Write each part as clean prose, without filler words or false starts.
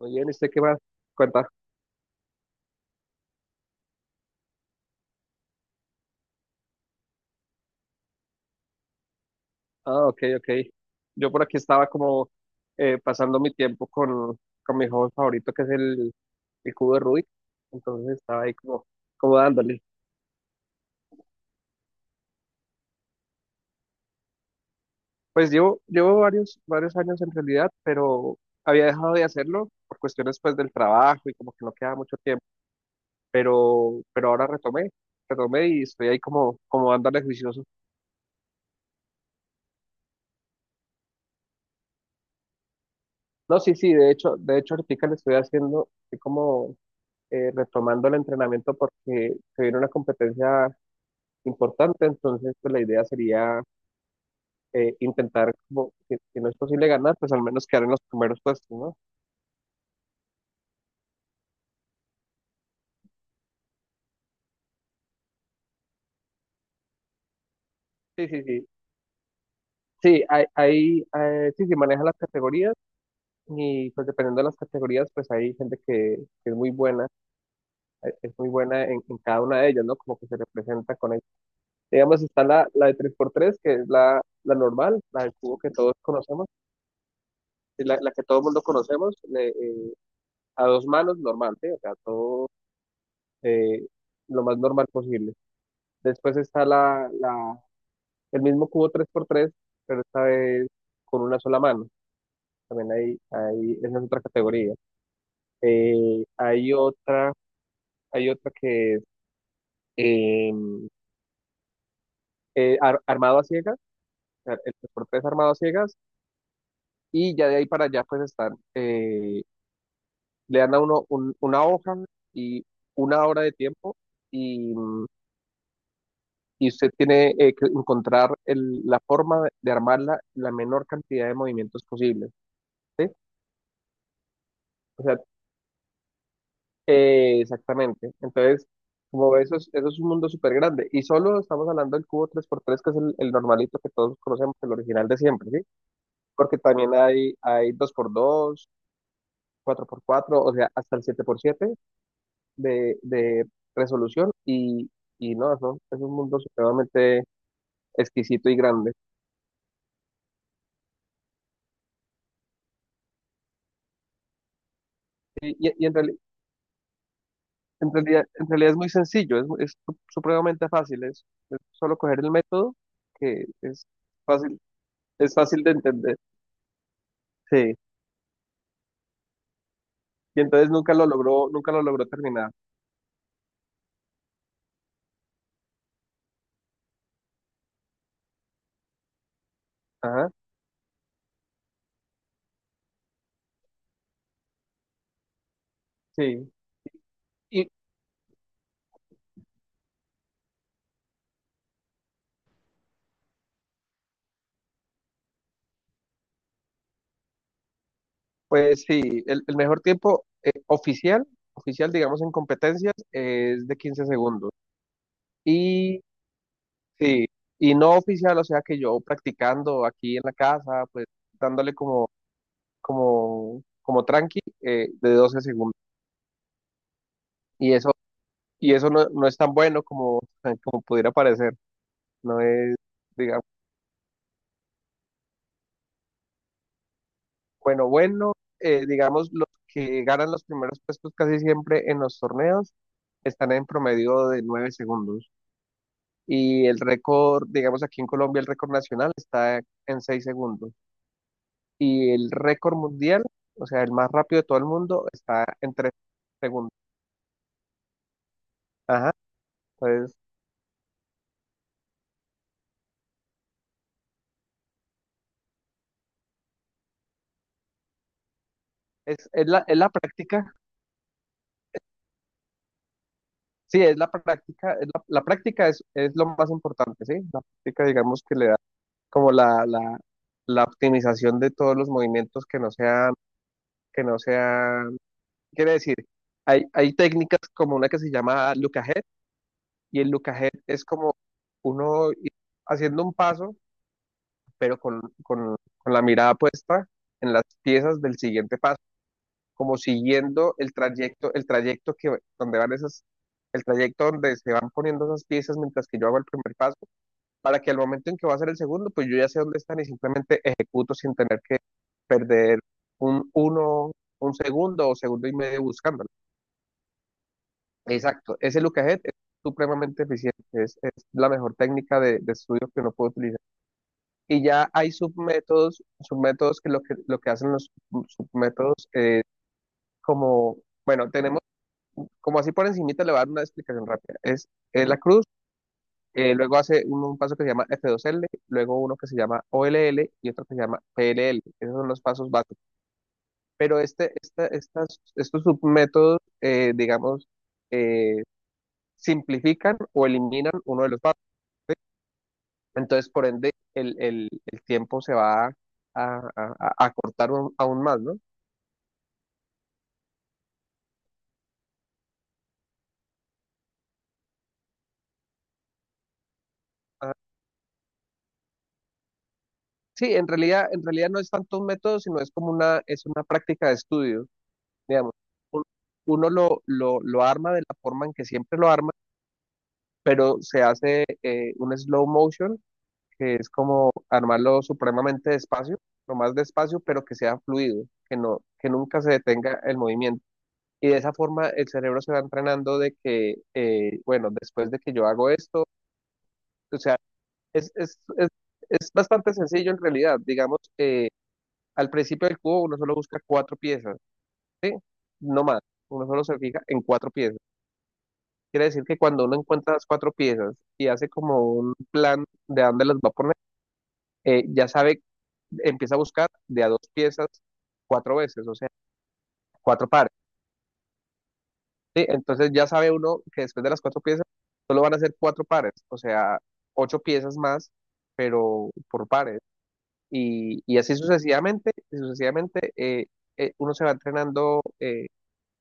Muy bien, ¿y usted qué más cuenta? Ah, ok, ok. Yo por aquí estaba como pasando mi tiempo con mi juego favorito, que es el cubo de Rubik. Entonces estaba ahí como dándole. Pues llevo varios años en realidad, pero había dejado de hacerlo por cuestiones pues del trabajo y como que no quedaba mucho tiempo. Pero ahora retomé, retomé y estoy ahí como, como dándole juicioso. No, sí, de hecho ahorita le estoy haciendo, estoy como retomando el entrenamiento porque se viene una competencia importante, entonces pues la idea sería intentar, como, si, si no es posible ganar, pues al menos quedar en los primeros puestos, ¿no? Sí, sí, sí. Sí, hay, sí, sí, maneja las categorías y pues dependiendo de las categorías, pues hay gente que es muy buena en cada una de ellas, ¿no? Como que se representa con ella. Digamos, está la de tres por tres que es la normal, la del cubo que todos conocemos, y la que todo el mundo conocemos, a dos manos normal, ¿sí? O sea, todo eh, lo más normal posible. Después está el mismo cubo tres por tres, pero esta vez con una sola mano. También hay, esa es otra categoría. Hay otra, hay otra que es eh, armado a ciegas, o sea, el tres por tres armado a ciegas, y ya de ahí para allá pues están, le dan a uno una hoja y una hora de tiempo y, y usted tiene que encontrar la forma de armarla la menor cantidad de movimientos posibles, ¿sí? O sea, exactamente. Entonces, como eso es un mundo súper grande. Y solo estamos hablando del cubo tres por tres que es el normalito que todos conocemos, el original de siempre, ¿sí? Porque también hay dos por dos, cuatro por cuatro, o sea, hasta el siete por siete de resolución. Y no, eso es un mundo supremamente exquisito y grande. Y, y- y en reali- en realidad es muy sencillo, es, supremamente fácil, es solo coger el método que fácil, es fácil de entender. Sí. Y entonces nunca lo logró, nunca lo logró terminar. Ajá, sí. Y pues sí, el mejor tiempo oficial, oficial digamos en competencias, es de 15 segundos. Y sí, y no oficial, o sea que yo practicando aquí en la casa, pues dándole como tranqui de 12 segundos. Y eso, y eso no, no es tan bueno como, como pudiera parecer. No es, digamos, bueno, bueno, digamos, los que ganan los primeros puestos casi siempre en los torneos están en promedio de 9 segundos. Y el récord, digamos, aquí en Colombia el récord nacional está en 6 segundos. Y el récord mundial, o sea, el más rápido de todo el mundo, está en 3 segundos. Ajá, entonces es, es la práctica. Sí, es la práctica, es la práctica es lo más importante, ¿sí? La práctica, digamos, que le da como la optimización de todos los movimientos que no sean, quiere decir, hay técnicas como una que se llama look ahead, y el look ahead es como uno ir haciendo un paso, pero con la mirada puesta en las piezas del siguiente paso, como siguiendo el trayecto que, donde van esas, el trayecto donde se van poniendo esas piezas mientras que yo hago el primer paso, para que al momento en que va a ser el segundo, pues yo ya sé dónde están y simplemente ejecuto sin tener que perder un uno, un segundo o segundo y medio buscándolo. Exacto, ese look ahead es supremamente eficiente, es la mejor técnica de estudio que uno puede utilizar. Y ya hay submétodos, submétodos que lo que, lo que hacen los submétodos es como, bueno, tenemos, como así por encimita le voy a dar una explicación rápida, es la cruz. Luego hace un paso que se llama F2L, luego uno que se llama OLL y otro que se llama PLL. Esos son los pasos básicos. Pero este, estos submétodos, digamos, simplifican o eliminan uno de los pasos. Entonces, por ende, el tiempo se va a acortar aún más, ¿no? Ah, sí, en realidad no es tanto un método, sino es como una, es una práctica de estudio, digamos. Un- Uno lo arma de la forma en que siempre lo arma pero se hace un slow motion, que es como armarlo supremamente despacio, lo más despacio, pero que sea fluido, que no, que nunca se detenga el movimiento. Y de esa forma el cerebro se va entrenando de que, bueno, después de que yo hago esto, o sea, es, es, es, es bastante sencillo en realidad. Digamos que al principio del cubo uno solo busca cuatro piezas, ¿sí? No más, uno solo se fija en cuatro piezas. Quiere decir que cuando uno encuentra las cuatro piezas y hace como un plan de a dónde las va a poner, ya sabe, empieza a buscar de a dos piezas cuatro veces, o sea, cuatro pares. ¿Sí? Entonces ya sabe uno que después de las cuatro piezas solo van a ser cuatro pares, o sea, ocho piezas más, pero por pares. Y así sucesivamente, y sucesivamente uno se va entrenando,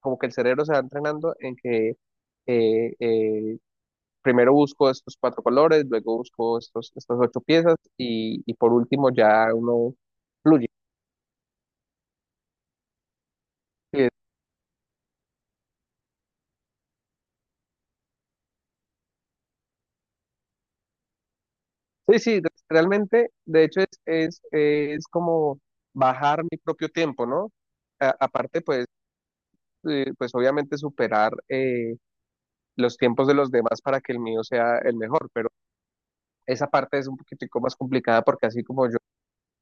como que el cerebro se va entrenando en que eh, eh, primero busco estos cuatro colores, luego busco estos, estas ocho piezas y por último ya uno fluye. Y sí, sí, realmente, de hecho, es como bajar mi propio tiempo, ¿no? Aparte, pues, pues obviamente superar los tiempos de los demás para que el mío sea el mejor, pero esa parte es un poquitico más complicada porque así como yo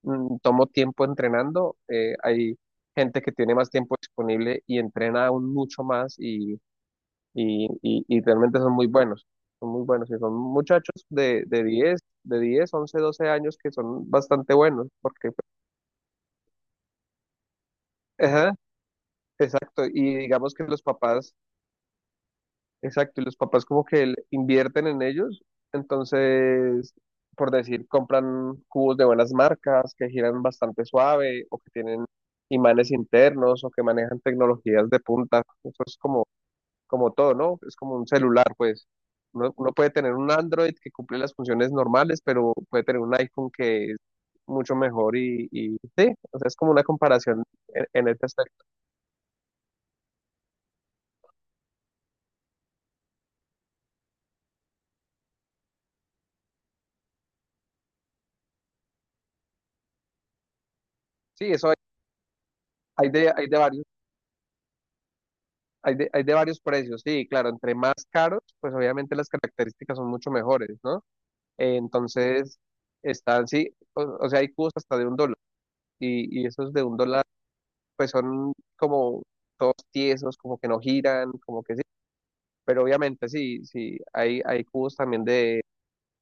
tomo tiempo entrenando, hay gente que tiene más tiempo disponible y entrena aún mucho más y y realmente son muy buenos y son muchachos de 10, de diez, once, 12 años que son bastante buenos, porque, ajá, exacto, y digamos que los papás, exacto, y los papás como que le invierten en ellos, entonces, por decir, compran cubos de buenas marcas que giran bastante suave o que tienen imanes internos o que manejan tecnologías de punta, eso es como como todo, ¿no? Es como un celular, pues. Uno, uno puede tener un Android que cumple las funciones normales, pero puede tener un iPhone que es mucho mejor y sí, o sea, es como una comparación en este aspecto. Sí, eso hay, hay de varios, hay de varios precios, sí, claro, entre más caros, pues obviamente las características son mucho mejores, ¿no? Entonces, están, sí, o sea, hay cubos hasta de un dólar y esos de un dólar, pues son como todos tiesos, como que no giran, como que pero obviamente sí, sí, hay cubos también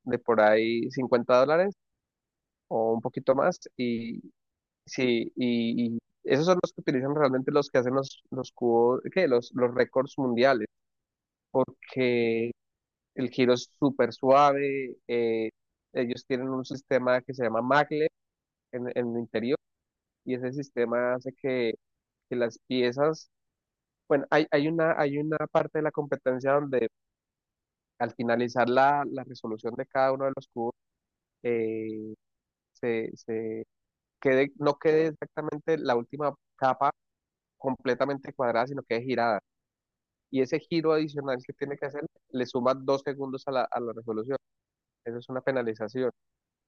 de por ahí 50 dólares o un poquito más. Y sí, y esos son los que utilizan realmente los que hacen los cubos, ¿qué? Los récords mundiales, porque el giro es súper suave. Ellos tienen un sistema que se llama Maglev en el interior y ese sistema hace que las piezas, bueno, hay una parte de la competencia donde al finalizar la resolución de cada uno de los cubos, eh, se quede, no quede exactamente la última capa completamente cuadrada, sino que es girada. Y ese giro adicional que tiene que hacer le suma 2 segundos a a la resolución. Eso es una penalización.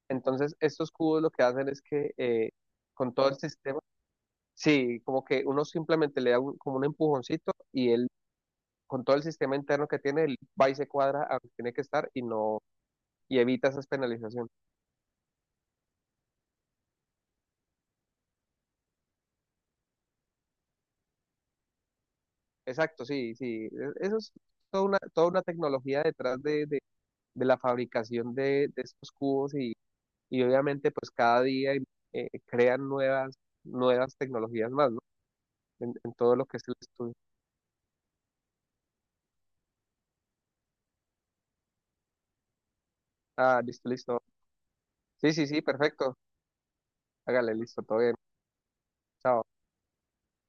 Entonces, estos cubos lo que hacen es que con todo el sistema, sí, como que uno simplemente le da como un empujoncito y él, con todo el sistema interno que tiene, él va y se cuadra a donde tiene que estar y no, y evita esas penalizaciones. Exacto, sí, sí. Eso es toda una tecnología detrás de la fabricación de estos cubos y obviamente pues cada día crean nuevas, nuevas tecnologías más, ¿no? En todo lo que es el estudio. Ah, listo, listo. Sí, sí, sí, perfecto. Hágale, listo, todo bien. Chao.